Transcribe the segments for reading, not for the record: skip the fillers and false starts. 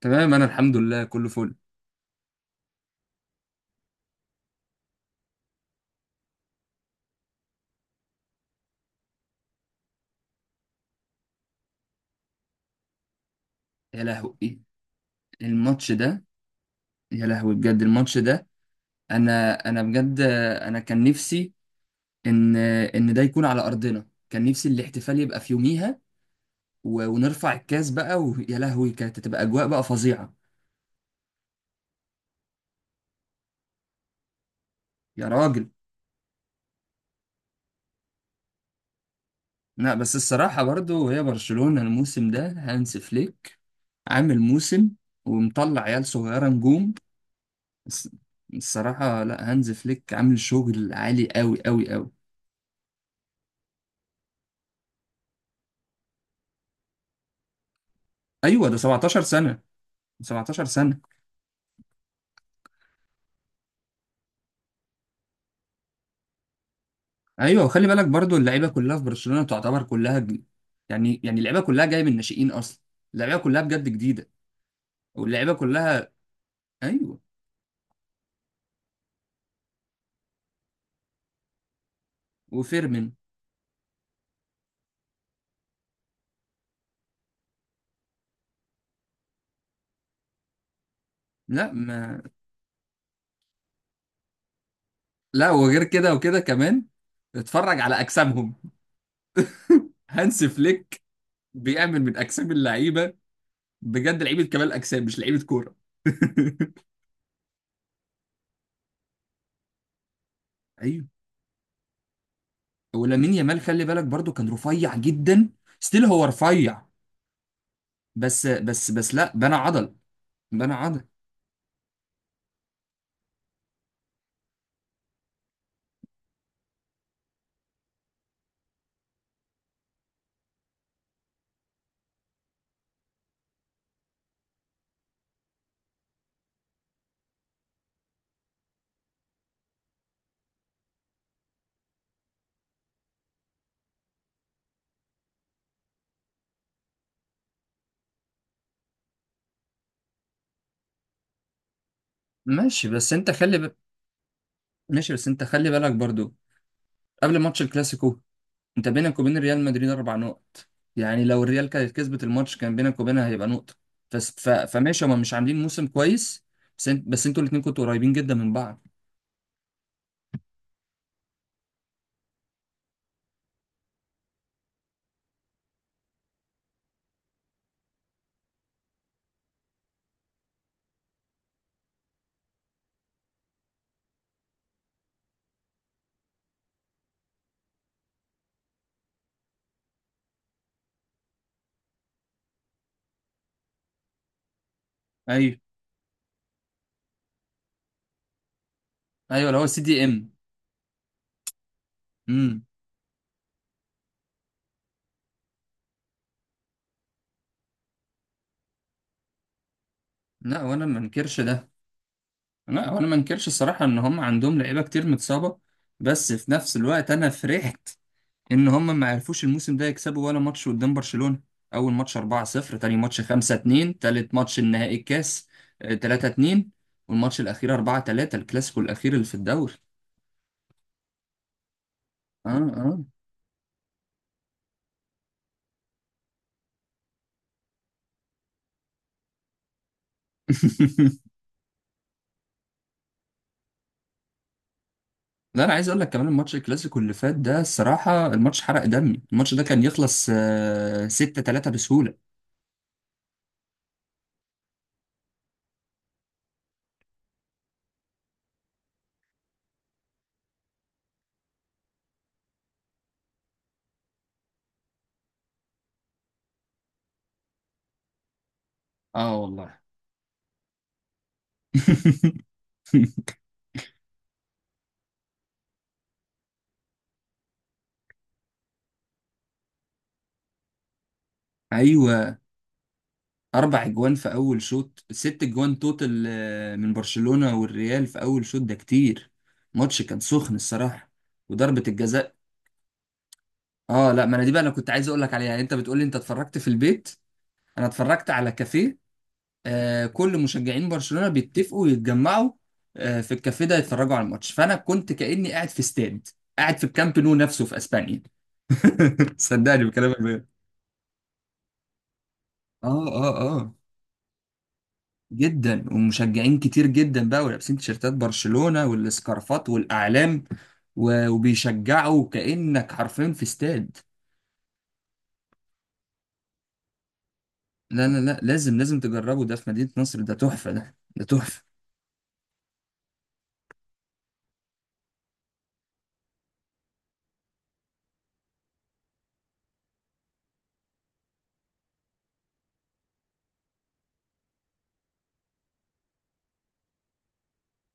تمام انا الحمد لله كله فل. يا لهوي الماتش ده، يا لهوي بجد الماتش ده. انا بجد، انا كان نفسي ان ان ده يكون على ارضنا، كان نفسي الاحتفال يبقى في يوميها و- ونرفع الكاس بقى، ويا لهوي كانت هتبقى اجواء بقى فظيعة. يا راجل، لا بس الصراحة برضو هي برشلونة الموسم ده، هانس فليك عامل موسم ومطلع عيال صغيرة نجوم. الس- الصراحة لا، هانز فليك عامل شغل عالي قوي قوي قوي. ايوه ده 17 سنة، 17 سنة. ايوه، وخلي بالك برضو اللعيبة كلها في برشلونة تعتبر يعني يعني اللعيبة كلها جاية من الناشئين اصلا، اللعيبة كلها بجد جديدة، واللعيبة كلها. ايوه وفيرمين. لا ما. لا، وغير كده وكده كمان اتفرج على اجسامهم. هانس فليك بيعمل من اجسام اللعيبة، بجد لعيبة كمال اجسام مش لعيبة كورة. ايوه، ولامين يامال خلي بالك برضو كان رفيع جدا، ستيل هو رفيع بس، لا بنى عضل، بنى عضل. ماشي بس انت خلي ب... ماشي، بس انت خلي بالك برضو قبل ماتش الكلاسيكو، انت بينك وبين ريال مدريد اربع نقط، يعني لو الريال كانت كسبت الماتش كان بينك وبينها هيبقى نقطة. فس... ف... فماشي هما مش عاملين موسم كويس، بس انتوا الاتنين كنتوا قريبين جدا من بعض. ايوه، ايوه اللي هو سي دي ام. امم. لا وانا ما انكرش الصراحة ان هم عندهم لعيبة كتير متصابة، بس في نفس الوقت انا فرحت ان هم ما عرفوش الموسم ده يكسبوا ولا ماتش قدام برشلونة. اول ماتش 4-0، تاني ماتش 5-2، تالت ماتش النهائي الكاس 3-2، والماتش الاخير 4-3 الكلاسيكو الاخير اللي في الدوري. اه، اه. لا، انا عايز اقول لك كمان الماتش الكلاسيكو اللي فات ده الصراحة الماتش حرق دمي، الماتش ده كان يخلص 6-3 بسهولة. اه والله. ايوه، اربع اجوان في اول شوط، ست اجوان توتال من برشلونة والريال في اول شوط ده كتير. ماتش كان سخن الصراحة، وضربة الجزاء. اه لا، ما انا دي بقى انا كنت عايز اقول لك عليها، يعني انت بتقول لي انت اتفرجت في البيت، انا اتفرجت على كافيه. آه، كل مشجعين برشلونة بيتفقوا يتجمعوا آه في الكافيه ده يتفرجوا على الماتش، فانا كنت كأني قاعد في استاد، قاعد في الكامب نو نفسه في اسبانيا. صدقني بكلامك بجد. اه اه اه، جدا. ومشجعين كتير جدا بقى، ولابسين تيشيرتات برشلونة والسكارفات والأعلام، و- وبيشجعوا كأنك حرفيا في استاد. لا لا لا، لازم لازم تجربه، ده في مدينة نصر، ده تحفة، ده ده تحفة.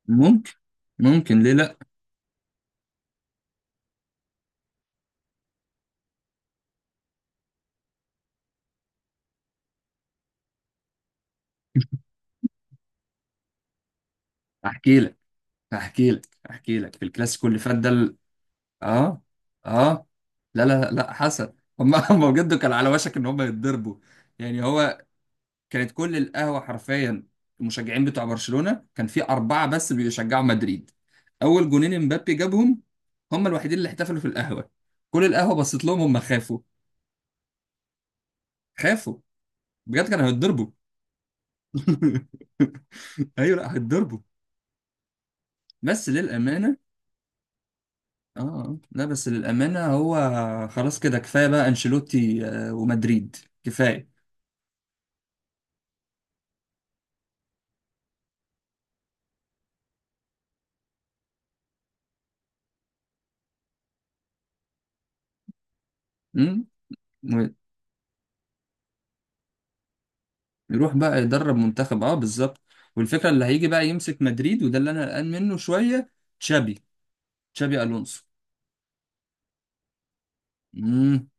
ممكن، ممكن ليه لا. احكي لك، احكي لك في الكلاسيكو اللي فات ده اه، اه. لا لا لا حصل. هم بجد كان على وشك ان هم يتضربوا، يعني هو كانت كل القهوة حرفيا، المشجعين بتوع برشلونة كان في أربعة بس بيشجعوا مدريد، أول جونين امبابي جابهم، هم الوحيدين اللي احتفلوا في القهوة، كل القهوة بصت لهم، هم خافوا، خافوا، بجد كانوا هيتضربوا. أيوة لا هيتضربوا، بس للأمانة. آه لا بس للأمانة هو خلاص كده كفاية بقى أنشيلوتي ومدريد، كفاية. امم. يروح بقى يدرب منتخب، اه بالظبط. والفكره اللي هيجي بقى يمسك مدريد وده اللي انا قلقان منه شويه، تشابي، تشابي الونسو. امم.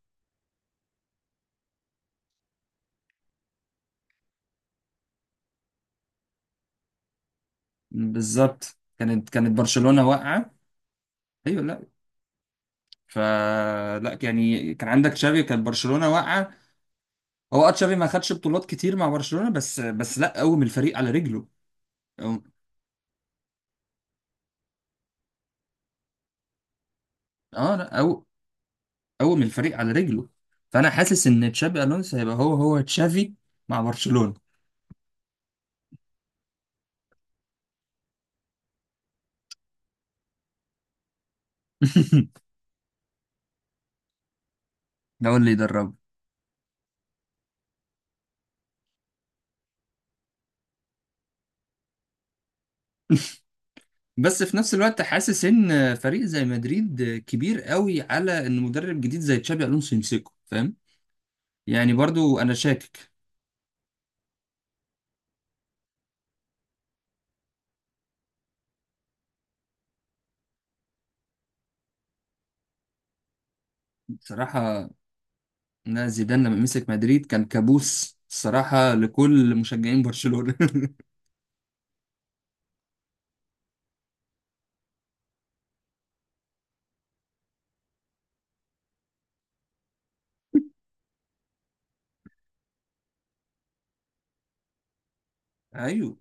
بالظبط، كانت برشلونه واقعه. ايوه لا، فلا يعني كان عندك تشابي، كانت برشلونه واقعه، هو اه تشابي ما خدش بطولات كتير مع برشلونه بس، لا قوم الفريق على رجله. أو... اه لا قوم الفريق على رجله. فانا حاسس ان تشابي الونسو هيبقى هو هو تشافي مع برشلونه. ده هو اللي يدربه. بس في نفس الوقت حاسس ان فريق زي مدريد كبير قوي على ان مدرب جديد زي تشابي الونسو يمسكه، فاهم؟ يعني برضو انا شاكك. بصراحه ان زيدان لما مسك مدريد كان كابوس الصراحه لكل مشجعين برشلونه. ايوه،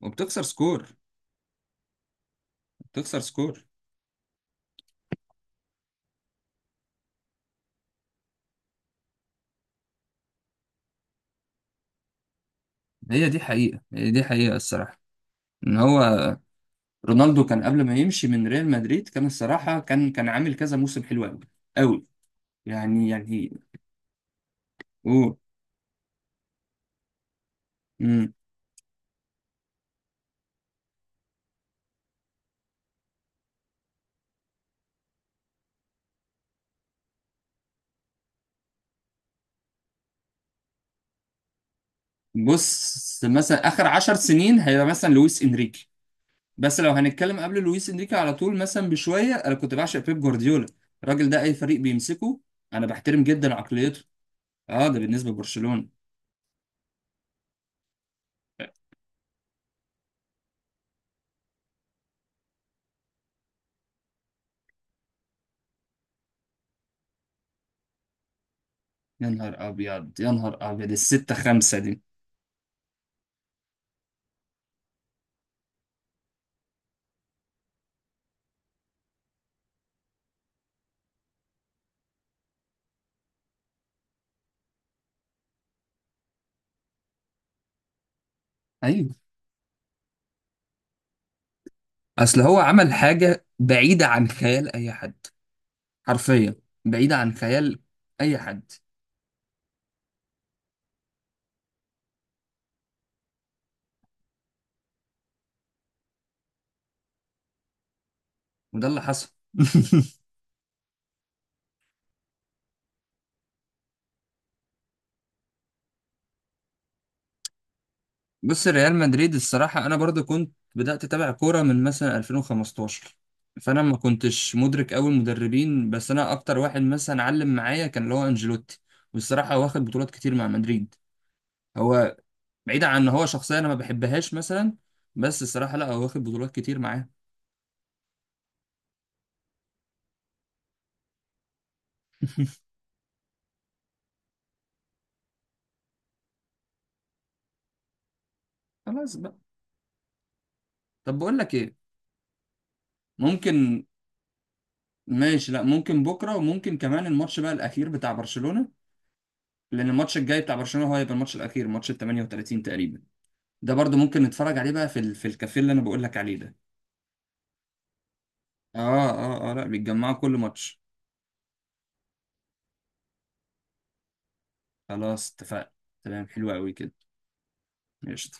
وبتخسر سكور، بتخسر سكور. هي دي حقيقه، هي دي حقيقه الصراحه، ان هو رونالدو كان قبل ما يمشي من ريال مدريد كان الصراحه كان عامل كذا موسم حلو قوي قوي، يعني يعني. اوه. بص مثلا اخر عشر سنين هيبقى مثلا لويس انريكي، بس لو هنتكلم قبل لويس انريكي على طول مثلا بشويه انا كنت بعشق بيب جوارديولا، الراجل ده اي فريق بيمسكه انا بحترم جدا عقليته. اه ده بالنسبه لبرشلونه. يا نهار ابيض، يا نهار ابيض الستة خمسة دي. ايوه. اصل هو عمل حاجة بعيدة عن خيال اي حد، حرفيا بعيدة عن خيال اي حد. وده اللي حصل. بص ريال مدريد الصراحة أنا برضو كنت بدأت أتابع كورة من مثلا 2015، فأنا ما كنتش مدرك أوي المدربين، بس أنا أكتر واحد مثلا علم معايا كان اللي هو أنجيلوتي، والصراحة هو واخد بطولات كتير مع مدريد، هو. بعيد عن إن هو شخصية أنا ما بحبهاش مثلا، بس الصراحة لا هو واخد بطولات كتير معاه. خلاص بقى. طب بقول لك إيه. ممكن. ماشي لا ممكن بكرة، وممكن كمان الماتش بقى الأخير بتاع برشلونة، لأن الماتش الجاي بتاع برشلونة هو هيبقى الماتش الأخير، ماتش ال 38 تقريبا، ده برضو ممكن نتفرج عليه بقى في في الكافيه اللي انا بقول لك عليه ده. اه اه اه، لا بيتجمعوا كل ماتش. خلاص اتفقنا، تمام حلو قوي كده. قشطة.